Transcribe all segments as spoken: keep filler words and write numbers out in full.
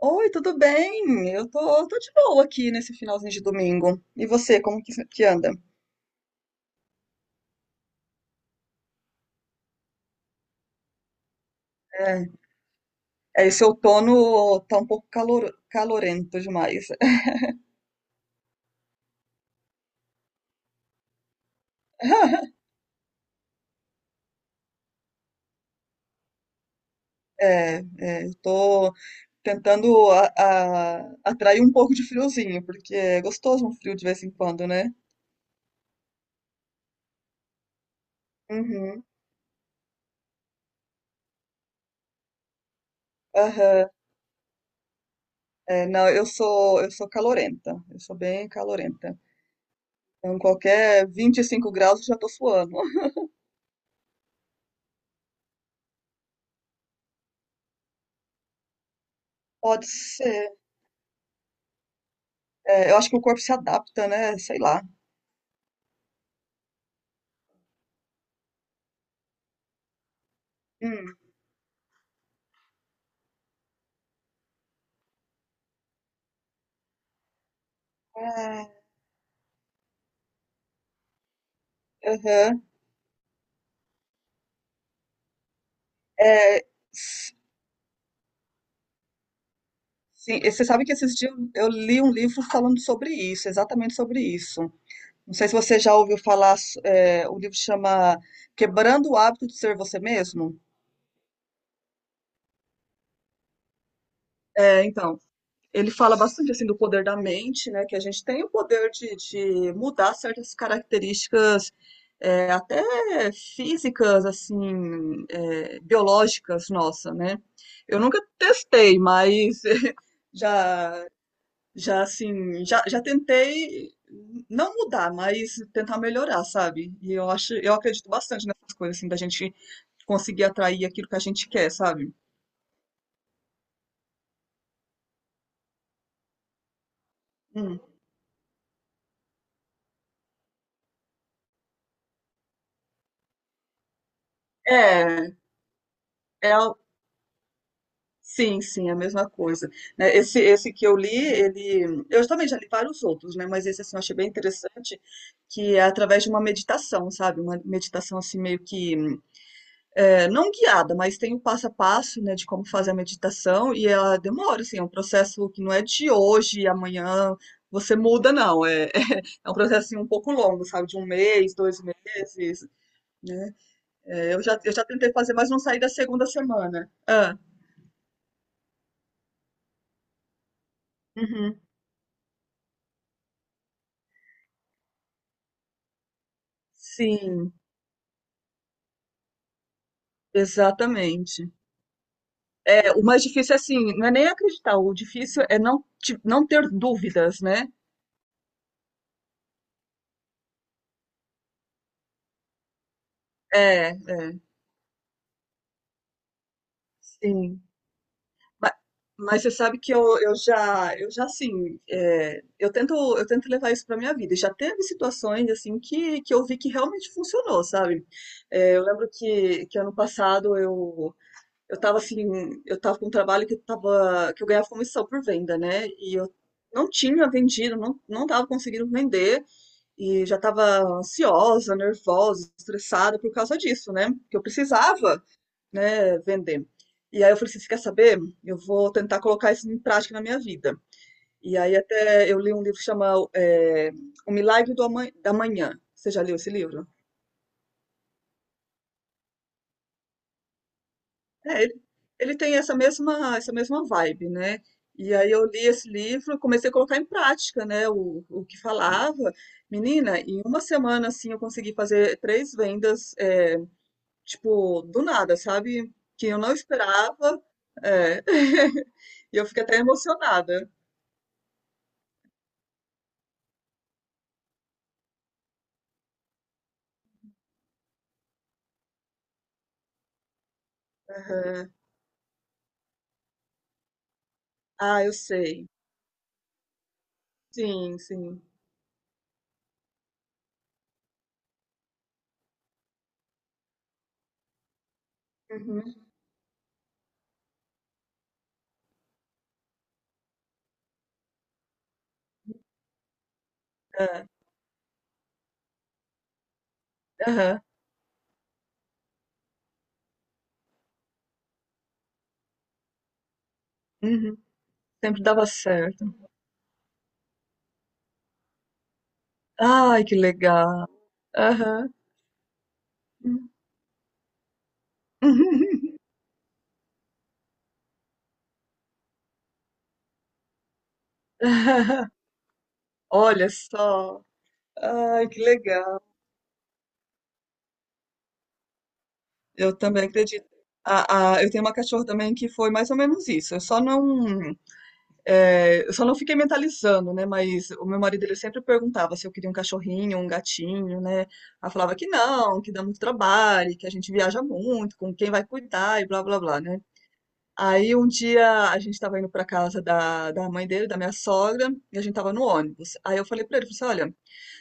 Oi, tudo bem? Eu tô, tô de boa aqui nesse finalzinho de domingo. E você, como que, que anda? É, é, esse outono tá um pouco calor, calorento demais. É, é, eu tô tentando a- a- atrair um pouco de friozinho, porque é gostoso um frio de vez em quando, né? Uhum, aham. É, não, eu sou, eu sou calorenta. Eu sou bem calorenta. Então, qualquer vinte e cinco graus eu já tô suando. Pode ser. É, eu acho que o corpo se adapta, né? Sei lá. Hum, é, aham. É, s- sim, e você sabe que esses dias eu li um livro falando sobre isso, exatamente sobre isso. Não sei se você já ouviu falar, s- é, o livro chama Quebrando o Hábito de Ser Você Mesmo. É, então, ele fala bastante assim do poder da mente, né? Que a gente tem o poder de, de mudar certas características, é, até físicas, assim, é, biológicas, nossa, né? Eu nunca testei, mas já Já assim, já, já tentei não mudar, mas tentar melhorar, sabe? E eu acho, eu acredito bastante nessas coisas, assim, da gente conseguir atrair aquilo que a gente quer, sabe? Hum. É, é, al- sim, sim, é a mesma coisa. Né? Esse, esse que eu li, ele, eu também já li vários outros, né? Mas esse assim, eu achei bem interessante, que é através de uma meditação, sabe? Uma meditação assim meio que é, não guiada, mas tem o passo a passo, né, de como fazer a meditação, e ela demora, assim, é um processo que não é de hoje e amanhã você muda, não. É, é um processo assim, um pouco longo, sabe, de um mês, dois meses, né? É, eu já, eu já tentei fazer, mas não saí da segunda semana. Ah, uhum. Sim, exatamente. É, o mais difícil é assim, não é nem acreditar, o difícil é não, te- não ter dúvidas, né? É, é, sim. Ma- Mas você sabe que eu, eu já, eu já assim, é, eu tento, eu tento levar isso para minha vida. E já teve situações assim que, que eu vi que realmente funcionou, sabe? É, eu lembro que, que ano passado eu eu tava assim, eu tava com um trabalho que eu tava, que eu ganhava comissão por venda, né? E eu não tinha vendido, não, não tava conseguindo vender e já tava ansiosa, nervosa, estressada por causa disso, né? Que eu precisava, né, vender. E aí eu falei assim, você quer saber? Eu vou tentar colocar isso em prática na minha vida. E aí até eu li um livro que chama é, O Milagre do Ama- da Manhã. Você já leu esse livro? É, ele, ele tem essa mesma, essa mesma vibe, né? E aí eu li esse livro, comecei a colocar em prática, né, o, o que falava. Menina, em uma semana, assim, eu consegui fazer três vendas, é, tipo, do nada, sabe? Que eu não esperava. É. E eu fiquei até emocionada. Aham. Ah, eu sei. Sim, sim. Uhum. É. Aham. Uhum. Sempre dava certo. Ai, que legal. Aham. Uhum. Olha só. Ai, que legal. Eu também acredito. Ah, a, eu tenho uma cachorra também que foi mais ou menos isso. Eu só não. É, eu só não fiquei mentalizando, né? Mas o meu marido, ele sempre perguntava se eu queria um cachorrinho, um gatinho, né? Ela falava que não, que dá muito trabalho, que a gente viaja muito, com quem vai cuidar e blá blá blá, né? Aí um dia a gente estava indo para casa da, da mãe dele, da minha sogra, e a gente estava no ônibus. Aí eu falei para ele, falei assim, olha,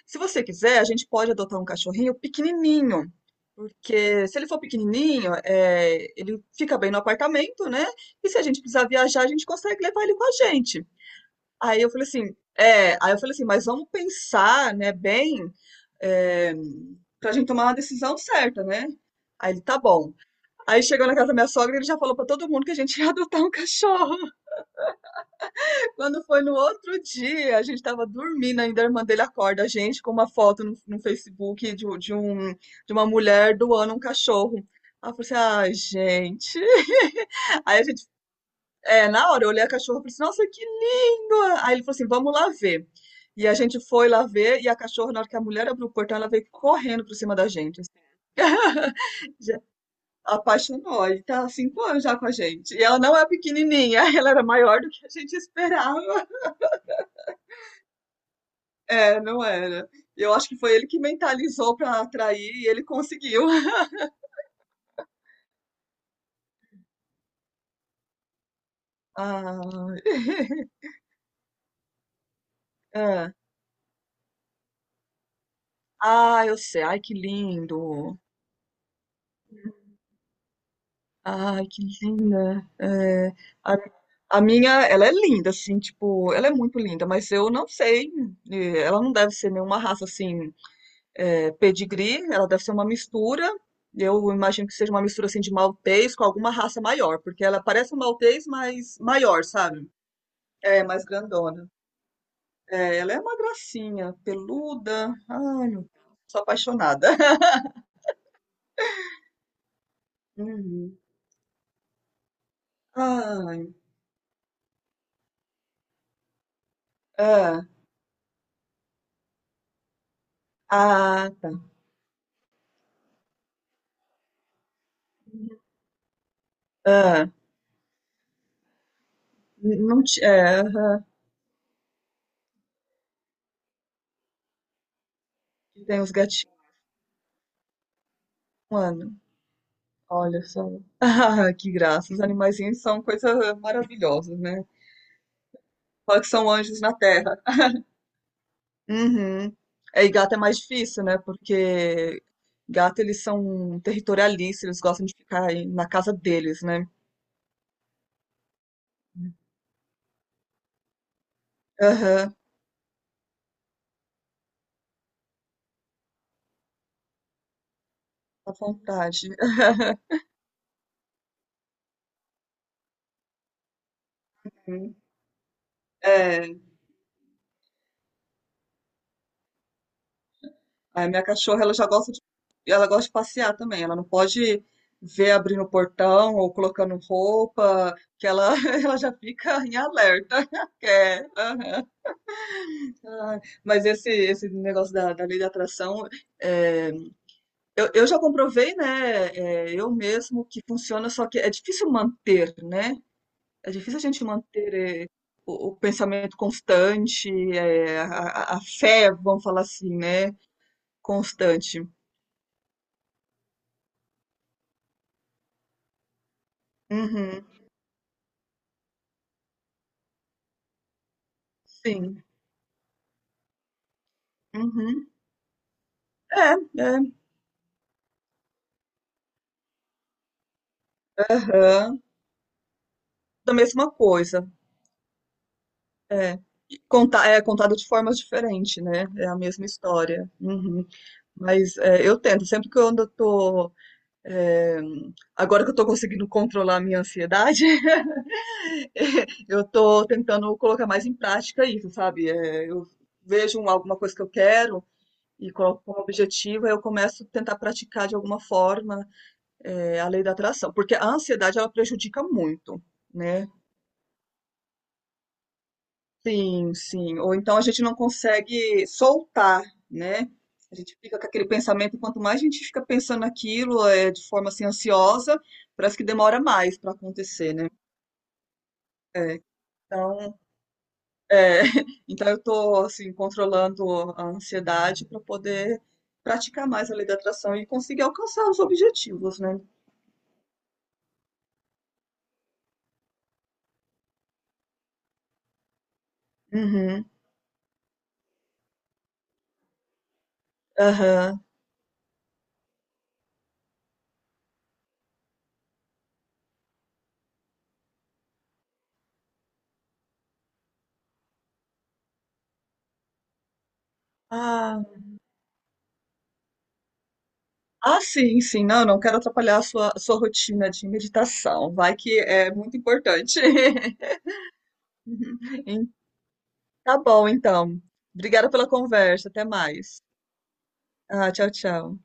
se você quiser, a gente pode adotar um cachorrinho pequenininho, porque se ele for pequenininho, é, ele fica bem no apartamento, né? E se a gente precisar viajar, a gente consegue levar ele com a gente. Aí eu falei assim, é, aí eu falei assim, mas vamos pensar, né, bem, é, pra gente tomar uma decisão certa, né? Aí ele, tá bom. Aí chegou na casa da minha sogra, e ele já falou pra todo mundo que a gente ia adotar um cachorro. Quando foi no outro dia, a gente tava dormindo, ainda a irmã dele acorda a gente com uma foto no, no Facebook de, um- de um, de uma mulher doando um cachorro. Aí eu falei assim, ai, gente. Aí a gente É, na hora eu olhei a cachorra e falei assim, nossa, que linda! Aí ele falou assim, vamos lá ver. E a gente foi lá ver, e a cachorra, na hora que a mulher abriu o portão, ela veio correndo por cima da gente, assim, já apaixonou, e tá há cinco anos já com a gente. E ela não é pequenininha, ela era maior do que a gente esperava. É, não era. Eu acho que foi ele que mentalizou pra atrair, e ele conseguiu. Ah, é. Ah, eu sei. Ai, que lindo. Ai, que linda. É, a, a minha, ela é linda, assim, tipo, ela é muito linda, mas eu não sei, eh, ela não deve ser nenhuma raça, assim, eh, pedigree, ela deve ser uma mistura, eu imagino que seja uma mistura, assim, de maltês com alguma raça maior, porque ela parece um maltês, mas maior, sabe? É, mais grandona. É, ela é uma gracinha, peluda, ai, meu Deus, sou apaixonada. Uhum. Ai, ah, ah, tá, ah. Não ti é, aham. Que tem os gatinhos, mano. Olha só. Ah, que graça. Os animaizinhos são coisa maravilhosa, né? Fala que são anjos na terra. Uhum. É, e gato é mais difícil, né? Porque gato, eles são territorialistas, eles gostam de ficar aí na casa deles, né? Aham. Tá à vontade. Uhum. É. A minha cachorra, ela já gosta de, ela gosta de passear também. Ela não pode ver abrindo o portão ou colocando roupa, que ela, ela já fica em alerta. Quer. Aham. Ai, mas esse, esse negócio da, da lei da atração, é, eu, eu já comprovei, né? é, eu mesmo que funciona, só que é difícil manter, né? É difícil a gente manter, é, o, o pensamento constante, é, a, a a fé, vamos falar assim, né? Constante. Uhum. Sim. Uhum. É, é. Aham. Da mesma coisa. É. Conta, é contado de formas diferentes, né? É a mesma história. Uhum. Mas é, eu tento, sempre que eu ando, eu tô. é, agora que eu tô conseguindo controlar a minha ansiedade, eu tô tentando colocar mais em prática isso, sabe? É, eu vejo um- alguma coisa que eu quero e coloco como objetivo, aí eu começo a tentar praticar de alguma forma. É, a lei da atração, porque a ansiedade, ela prejudica muito, né? Sim, sim. Ou então a gente não consegue soltar, né? A gente fica com aquele pensamento, quanto mais a gente fica pensando naquilo, é, de forma assim, ansiosa, parece que demora mais para acontecer, né? É, então, é, então eu tô assim, controlando a ansiedade para poder praticar mais a lei da atração e conseguir alcançar os objetivos, né? Uhum, aham. Ah, ah, sim, sim. Não, não quero atrapalhar a sua, a sua rotina de meditação. Vai que é muito importante. Em- Tá bom, então. Obrigada pela conversa. Até mais. Ah, tchau, tchau.